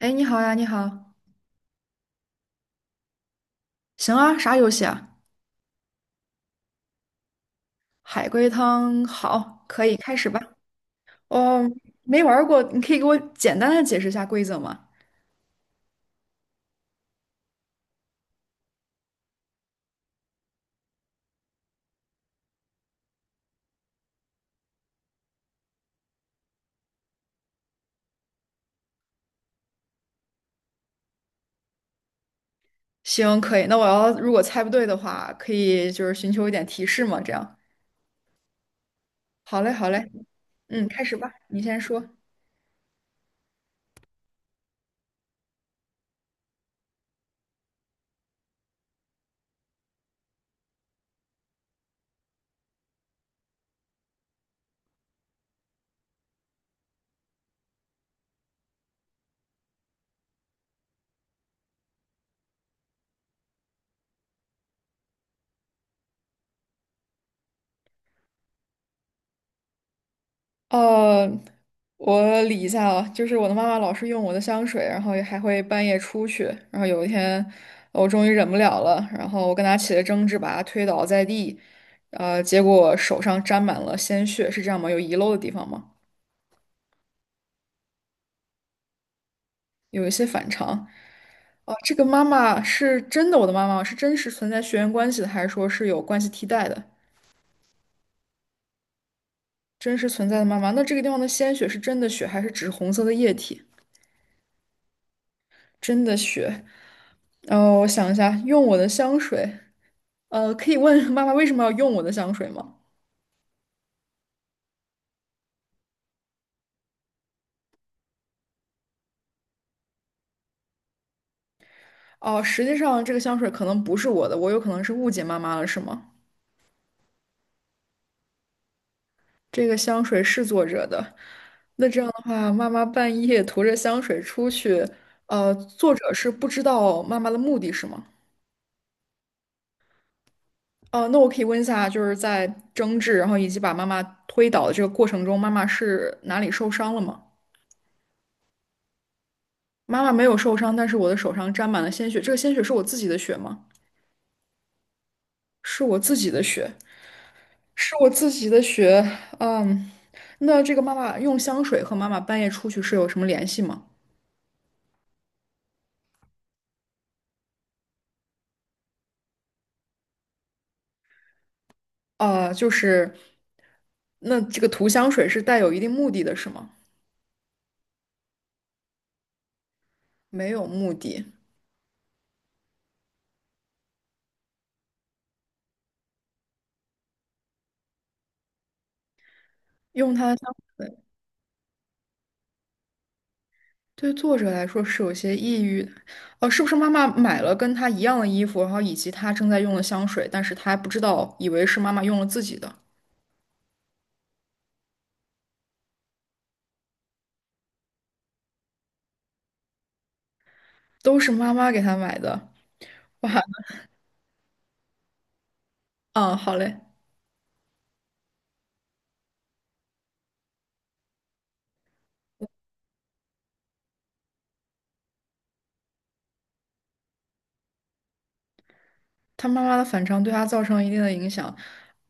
哎，你好呀，你好，行啊，啥游戏啊？海龟汤，好，可以开始吧。哦，没玩儿过，你可以给我简单的解释一下规则吗？行，可以。那我要如果猜不对的话，可以寻求一点提示嘛，这样。好嘞，好嘞，嗯，开始吧，你先说。呃，我理一下啊，我的妈妈老是用我的香水，然后也还会半夜出去，然后有一天我终于忍不了了，然后我跟她起了争执，把她推倒在地，结果手上沾满了鲜血，是这样吗？有遗漏的地方吗？有一些反常。哦，这个妈妈是真的，我的妈妈是真实存在血缘关系的，还是说是有关系替代的？真实存在的妈妈，那这个地方的鲜血是真的血，还是只是红色的液体？真的血。然后我想一下，用我的香水。可以问妈妈为什么要用我的香水吗？哦，实际上这个香水可能不是我的，我有可能是误解妈妈了，是吗？这个香水是作者的。那这样的话，妈妈半夜涂着香水出去，作者是不知道妈妈的目的是吗？哦，那我可以问一下，在争执，然后以及把妈妈推倒的这个过程中，妈妈是哪里受伤了吗？妈妈没有受伤，但是我的手上沾满了鲜血，这个鲜血是我自己的血吗？是我自己的血。是我自己的血，嗯，那这个妈妈用香水和妈妈半夜出去是有什么联系吗？啊、那这个涂香水是带有一定目的的，是吗？没有目的，用它的香水对作者来说是有些抑郁的哦、是不是妈妈买了跟她一样的衣服，然后以及她正在用的香水，但是她还不知道，以为是妈妈用了自己的，都是妈妈给她买的。哇，嗯，好嘞。他妈妈的反常对他造成了一定的影响。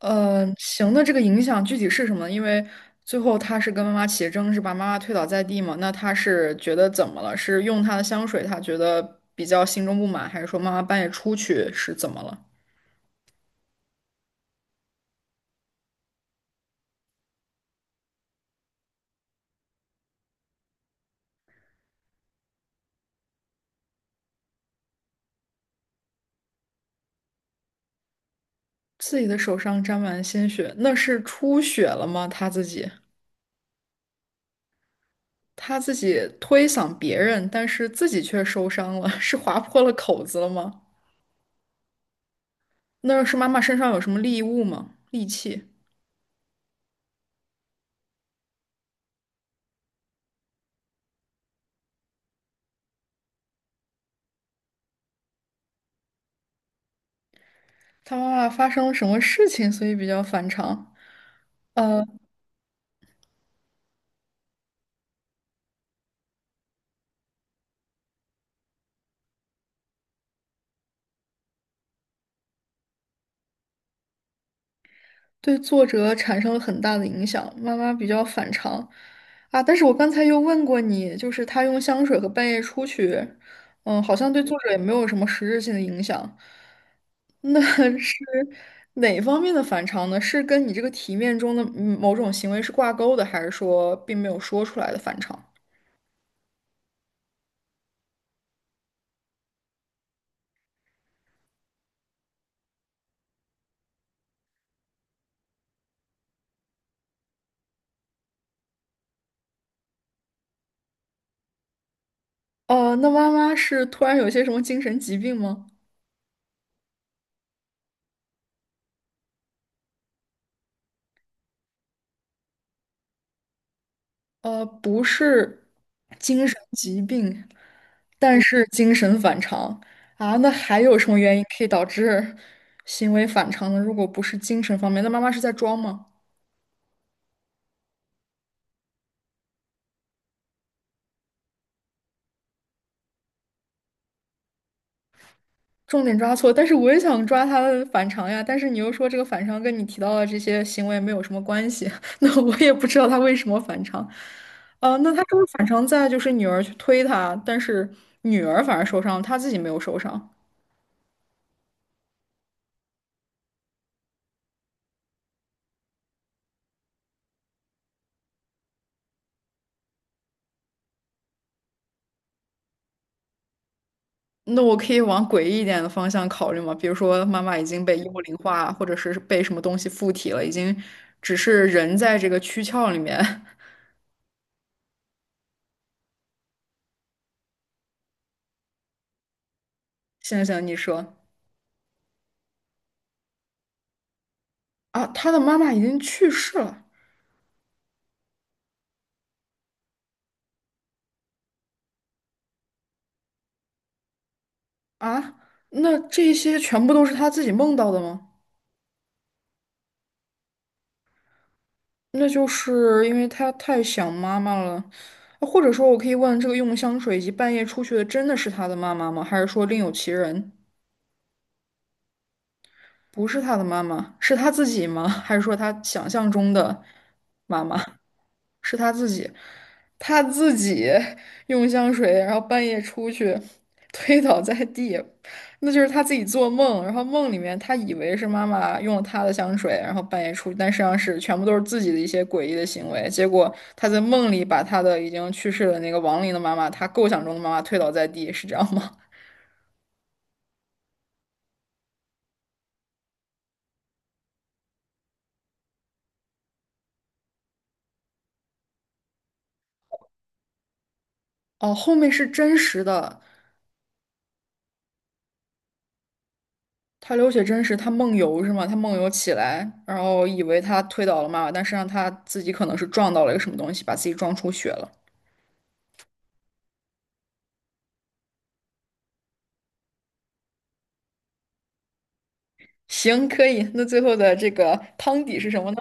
呃，行的，这个影响具体是什么呢？因为最后他是跟妈妈起争执，把妈妈推倒在地嘛。那他是觉得怎么了？是用她的香水，他觉得比较心中不满，还是说妈妈半夜出去是怎么了？自己的手上沾满鲜血，那是出血了吗？他自己，他自己推搡别人，但是自己却受伤了，是划破了口子了吗？那是妈妈身上有什么利物吗？利器？他妈妈发生了什么事情，所以比较反常。呃，对作者产生了很大的影响。妈妈比较反常啊，但是我刚才又问过你，他用香水和半夜出去，嗯，好像对作者也没有什么实质性的影响。那 是哪方面的反常呢？是跟你这个题面中的某种行为是挂钩的，还是说并没有说出来的反常？哦，那妈妈是突然有些什么精神疾病吗？呃，不是精神疾病，但是精神反常啊，那还有什么原因可以导致行为反常呢？如果不是精神方面，那妈妈是在装吗？重点抓错，但是我也想抓她的反常呀，但是你又说这个反常跟你提到的这些行为没有什么关系，那我也不知道他为什么反常。啊，那他这个反常在女儿去推他，但是女儿反而受伤，他自己没有受伤。那我可以往诡异一点的方向考虑吗？比如说，妈妈已经被幽灵化，或者是被什么东西附体了，已经只是人在这个躯壳里面。行行，你说啊，他的妈妈已经去世了啊？那这些全部都是他自己梦到的吗？那就是因为他太想妈妈了，或者说，我可以问这个用香水以及半夜出去的真的是他的妈妈吗？还是说另有其人？不是他的妈妈，是他自己吗？还是说他想象中的妈妈？是他自己，他自己 用香水，然后半夜出去推倒在地，那就是他自己做梦，然后梦里面他以为是妈妈用了他的香水，然后半夜出去，但实际上是全部都是自己的一些诡异的行为。结果他在梦里把他的已经去世的那个亡灵的妈妈，他构想中的妈妈推倒在地，是这样吗？哦，后面是真实的，他流血真实，他梦游是吗？他梦游起来，然后以为他推倒了妈妈，但实际上他自己可能是撞到了一个什么东西，把自己撞出血了。行，可以。那最后的这个汤底是什么呢？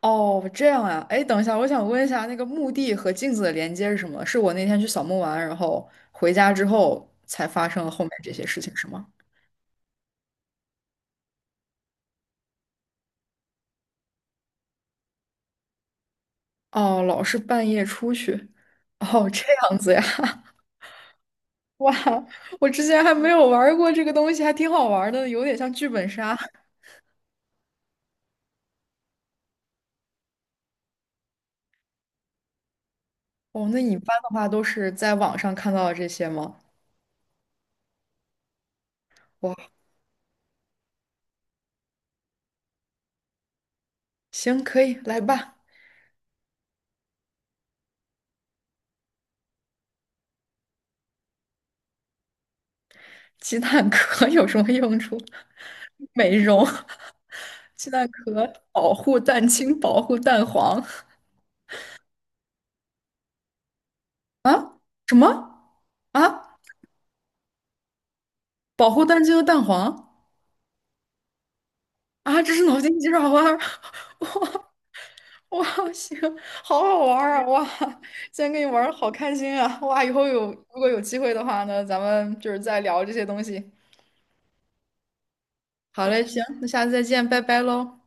哦，这样啊。哎，等一下，我想问一下，那个墓地和镜子的连接是什么？是我那天去扫墓完，然后回家之后才发生了后面这些事情，是吗？哦，老是半夜出去。哦，这样子呀。哇，我之前还没有玩儿过这个东西，还挺好玩儿的，有点像剧本杀。哦，那你一般的话都是在网上看到的这些吗？哇，行，可以，来吧。鸡蛋壳 有什么用处？美容，鸡蛋壳保护蛋清，保护蛋黄。啊？什么啊？保护蛋清和蛋黄。啊？这是脑筋急转弯儿？ 哇哇，行，好好玩儿啊！哇，今天跟你玩儿好开心啊！哇，以后如果有机会的话呢，咱们再聊这些东西。好嘞，行，那下次再见，拜拜喽。